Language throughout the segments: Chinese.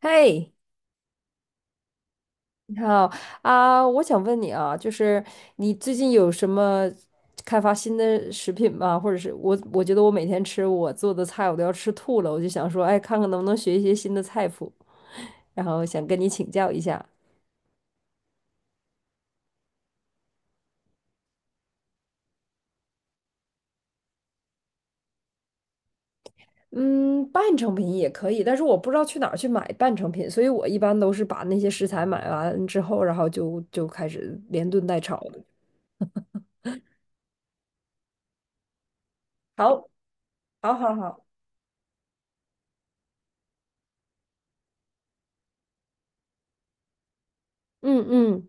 嘿，你好啊，我想问你啊，就是你最近有什么开发新的食品吗？或者是我觉得我每天吃我做的菜，我都要吃吐了，我就想说，哎，看看能不能学一些新的菜谱，然后想跟你请教一下。嗯，半成品也可以，但是我不知道去哪儿去买半成品，所以我一般都是把那些食材买完之后，然后就开始连炖带炒的。好，好，好，好，嗯嗯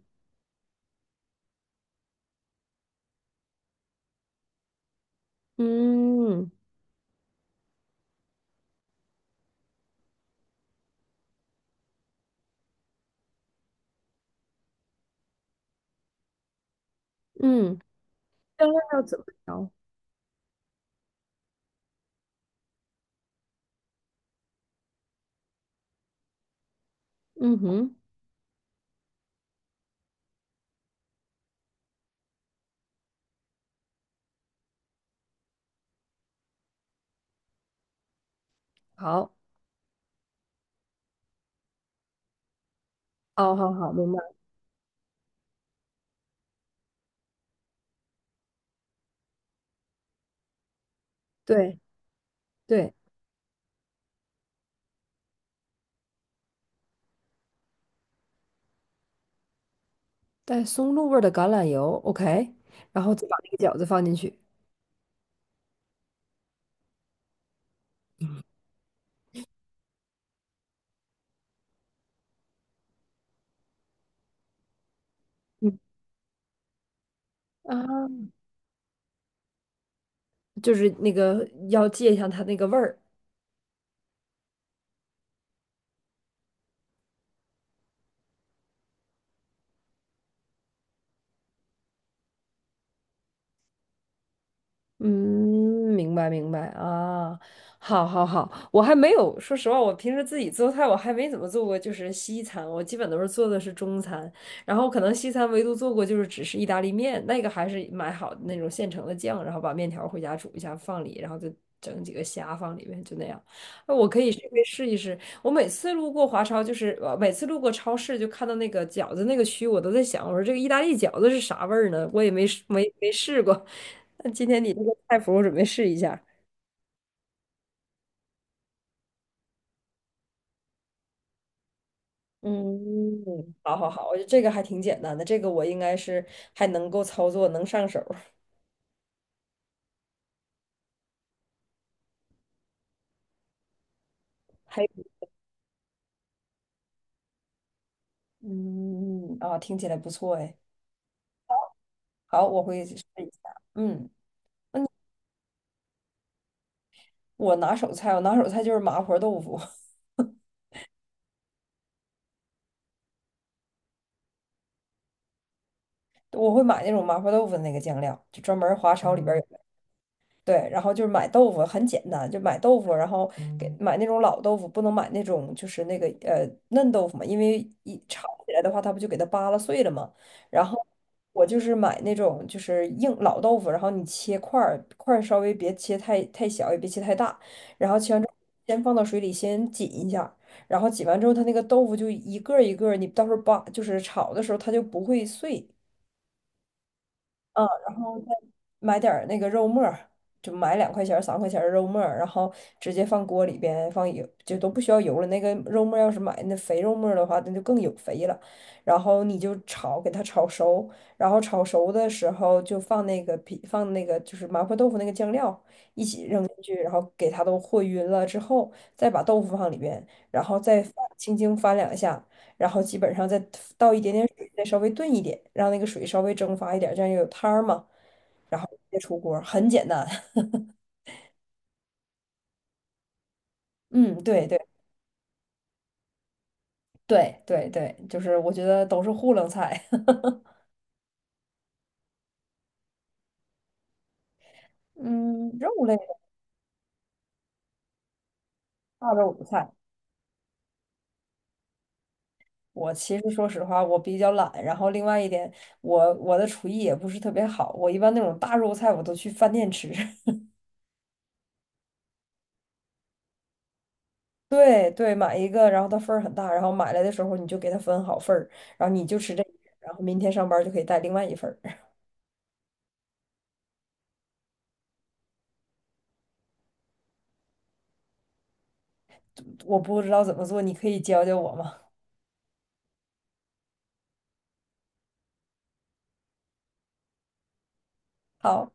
嗯嗯，这个要怎么调？嗯哼，好，哦，好好，明白。对对，带松露味儿的橄榄油，OK，然后再把那个饺子放进去。嗯啊，就是那个要借一下它那个味儿。嗯，明白明白啊，好好好，我还没有，说实话，我平时自己做菜，我还没怎么做过，就是西餐，我基本都是做的是中餐，然后可能西餐唯独做过就是只是意大利面，那个还是买好的那种现成的酱，然后把面条回家煮一下放里，然后就整几个虾放里面，就那样。那我可以去试一试。我每次路过华超，就是每次路过超市，就看到那个饺子那个区，我都在想，我说这个意大利饺子是啥味儿呢？我也没试过。那今天你这个菜谱，我准备试一下。嗯，好好好，我觉得这个还挺简单的，这个我应该是还能够操作，能上手。还有嗯，听起来不错哎。好，我会试一下。嗯，我拿手菜就是麻婆豆腐，我会买那种麻婆豆腐的那个酱料，就专门华超里边。对，然后就是买豆腐很简单，就买豆腐，然后给买那种老豆腐，不能买那种就是那个嫩豆腐嘛，因为一炒起来的话，它不就给它扒拉碎了嘛。然后我就是买那种就是硬老豆腐，然后你切块儿，块儿稍微别切太小，也别切太大，然后切完之后先放到水里先紧一下，然后紧完之后，它那个豆腐就一个儿一个儿你到时候扒就是炒的时候它就不会碎。嗯，然后再买点儿那个肉末儿，就买2块钱儿、3块钱儿的肉末儿，然后直接放锅里边，放油，就都不需要油了。那个肉末儿要是买那肥肉末儿的话，那就更有肥了。然后你就炒，给它炒熟，然后炒熟的时候就放那个皮，放那个就是麻婆豆腐那个酱料一起扔进去，然后给它都和匀了之后，再把豆腐放里边，然后轻轻翻两下，然后基本上再倒一点。再稍微炖一点，让那个水稍微蒸发一点，这样有汤儿嘛，然后直接出锅很简单。嗯，对对对对对，就是我觉得都是糊弄菜。嗯，肉类的大肉菜，我其实说实话，我比较懒，然后另外一点，我的厨艺也不是特别好，我一般那种大肉菜我都去饭店吃。对对，买一个，然后它份儿很大，然后买来的时候你就给它分好份儿，然后你就吃这一份儿然后明天上班就可以带另外一份儿。我不知道怎么做，你可以教教我吗？好。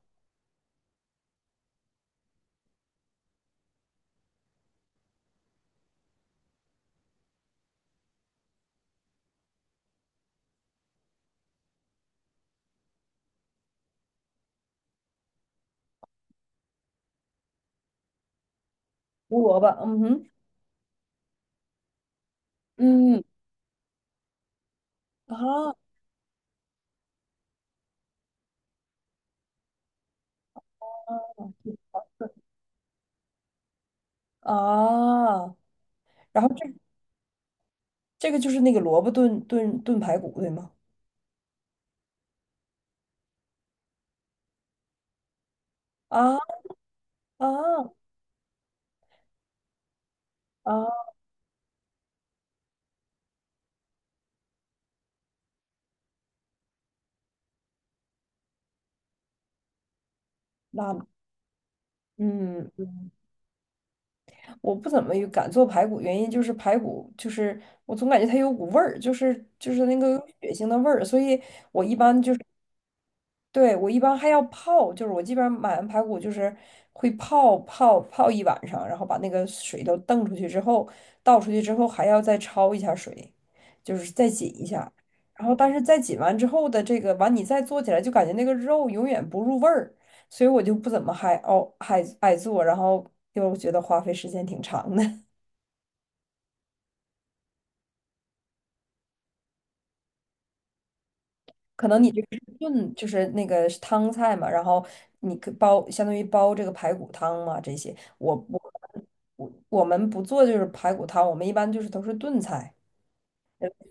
胡萝卜，嗯哼，嗯啊啊，然后这个就是那个萝卜炖炖炖排骨，对吗？啊啊啊，那嗯，我不怎么有敢做排骨，原因就是排骨就是我总感觉它有股味儿，就是那个有血腥的味儿，所以我一般。就。对，我一般还要泡，就是我基本上买完排骨就是会泡一晚上，然后把那个水都瞪出去之后，倒出去之后还要再焯一下水，就是再紧一下。然后但是再紧完之后的这个完你再做起来就感觉那个肉永远不入味儿，所以我就不怎么还爱做，然后又觉得花费时间挺长的。可能你就是炖，就是那个是汤菜嘛，然后你可煲，相当于煲这个排骨汤嘛，这些我们不做就是排骨汤，我们一般就是都是炖菜，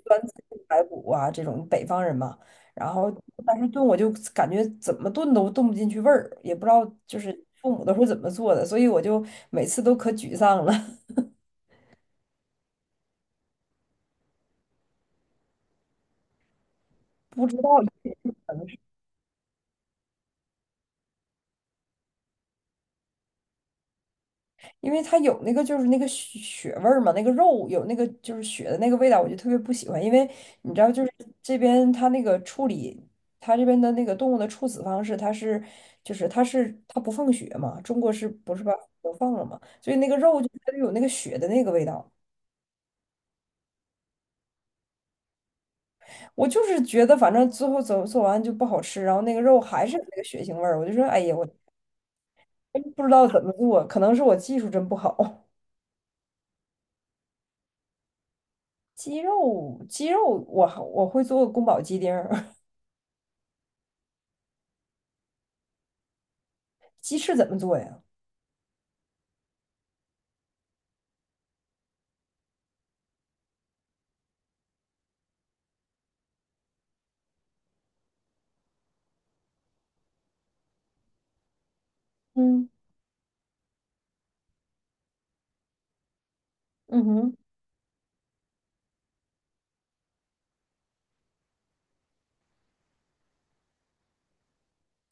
酸菜排骨啊这种北方人嘛，然后但是炖我就感觉怎么炖都炖不进去味儿，也不知道就是父母都是怎么做的，所以我就每次都可沮丧了，不知道。因为它有那个就是那个血味儿嘛，那个肉有那个就是血的那个味道，我就特别不喜欢。因为你知道，就是这边它那个处理，它这边的那个动物的处死方式，它是就是它是它不放血嘛，中国是不是把都放了嘛？所以那个肉就它就有那个血的那个味道。我就是觉得反正最后做完就不好吃，然后那个肉还是有那个血腥味儿，我就说哎呀，我真不知道怎么做，可能是我技术真不好。鸡肉我我会做宫保鸡丁儿。鸡翅怎么做呀？嗯嗯哼，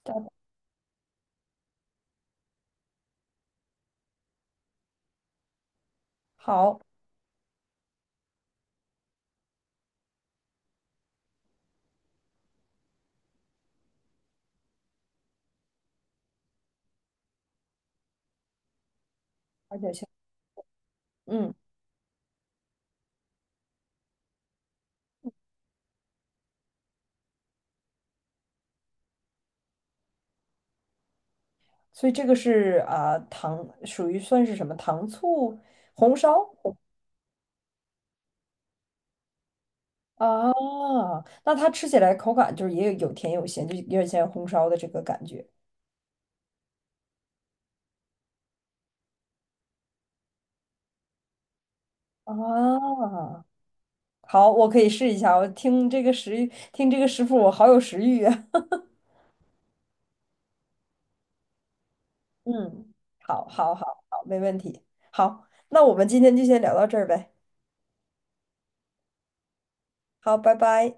对，好，而且像嗯，所以这个是啊、糖属于算是什么糖醋红烧啊？那它吃起来口感就是也有有甜有咸，就有点像红烧的这个感觉啊。好，我可以试一下。我听这个食谱，我好有食欲啊。嗯，好，好，好，好，没问题。好，那我们今天就先聊到这儿呗。好，拜拜。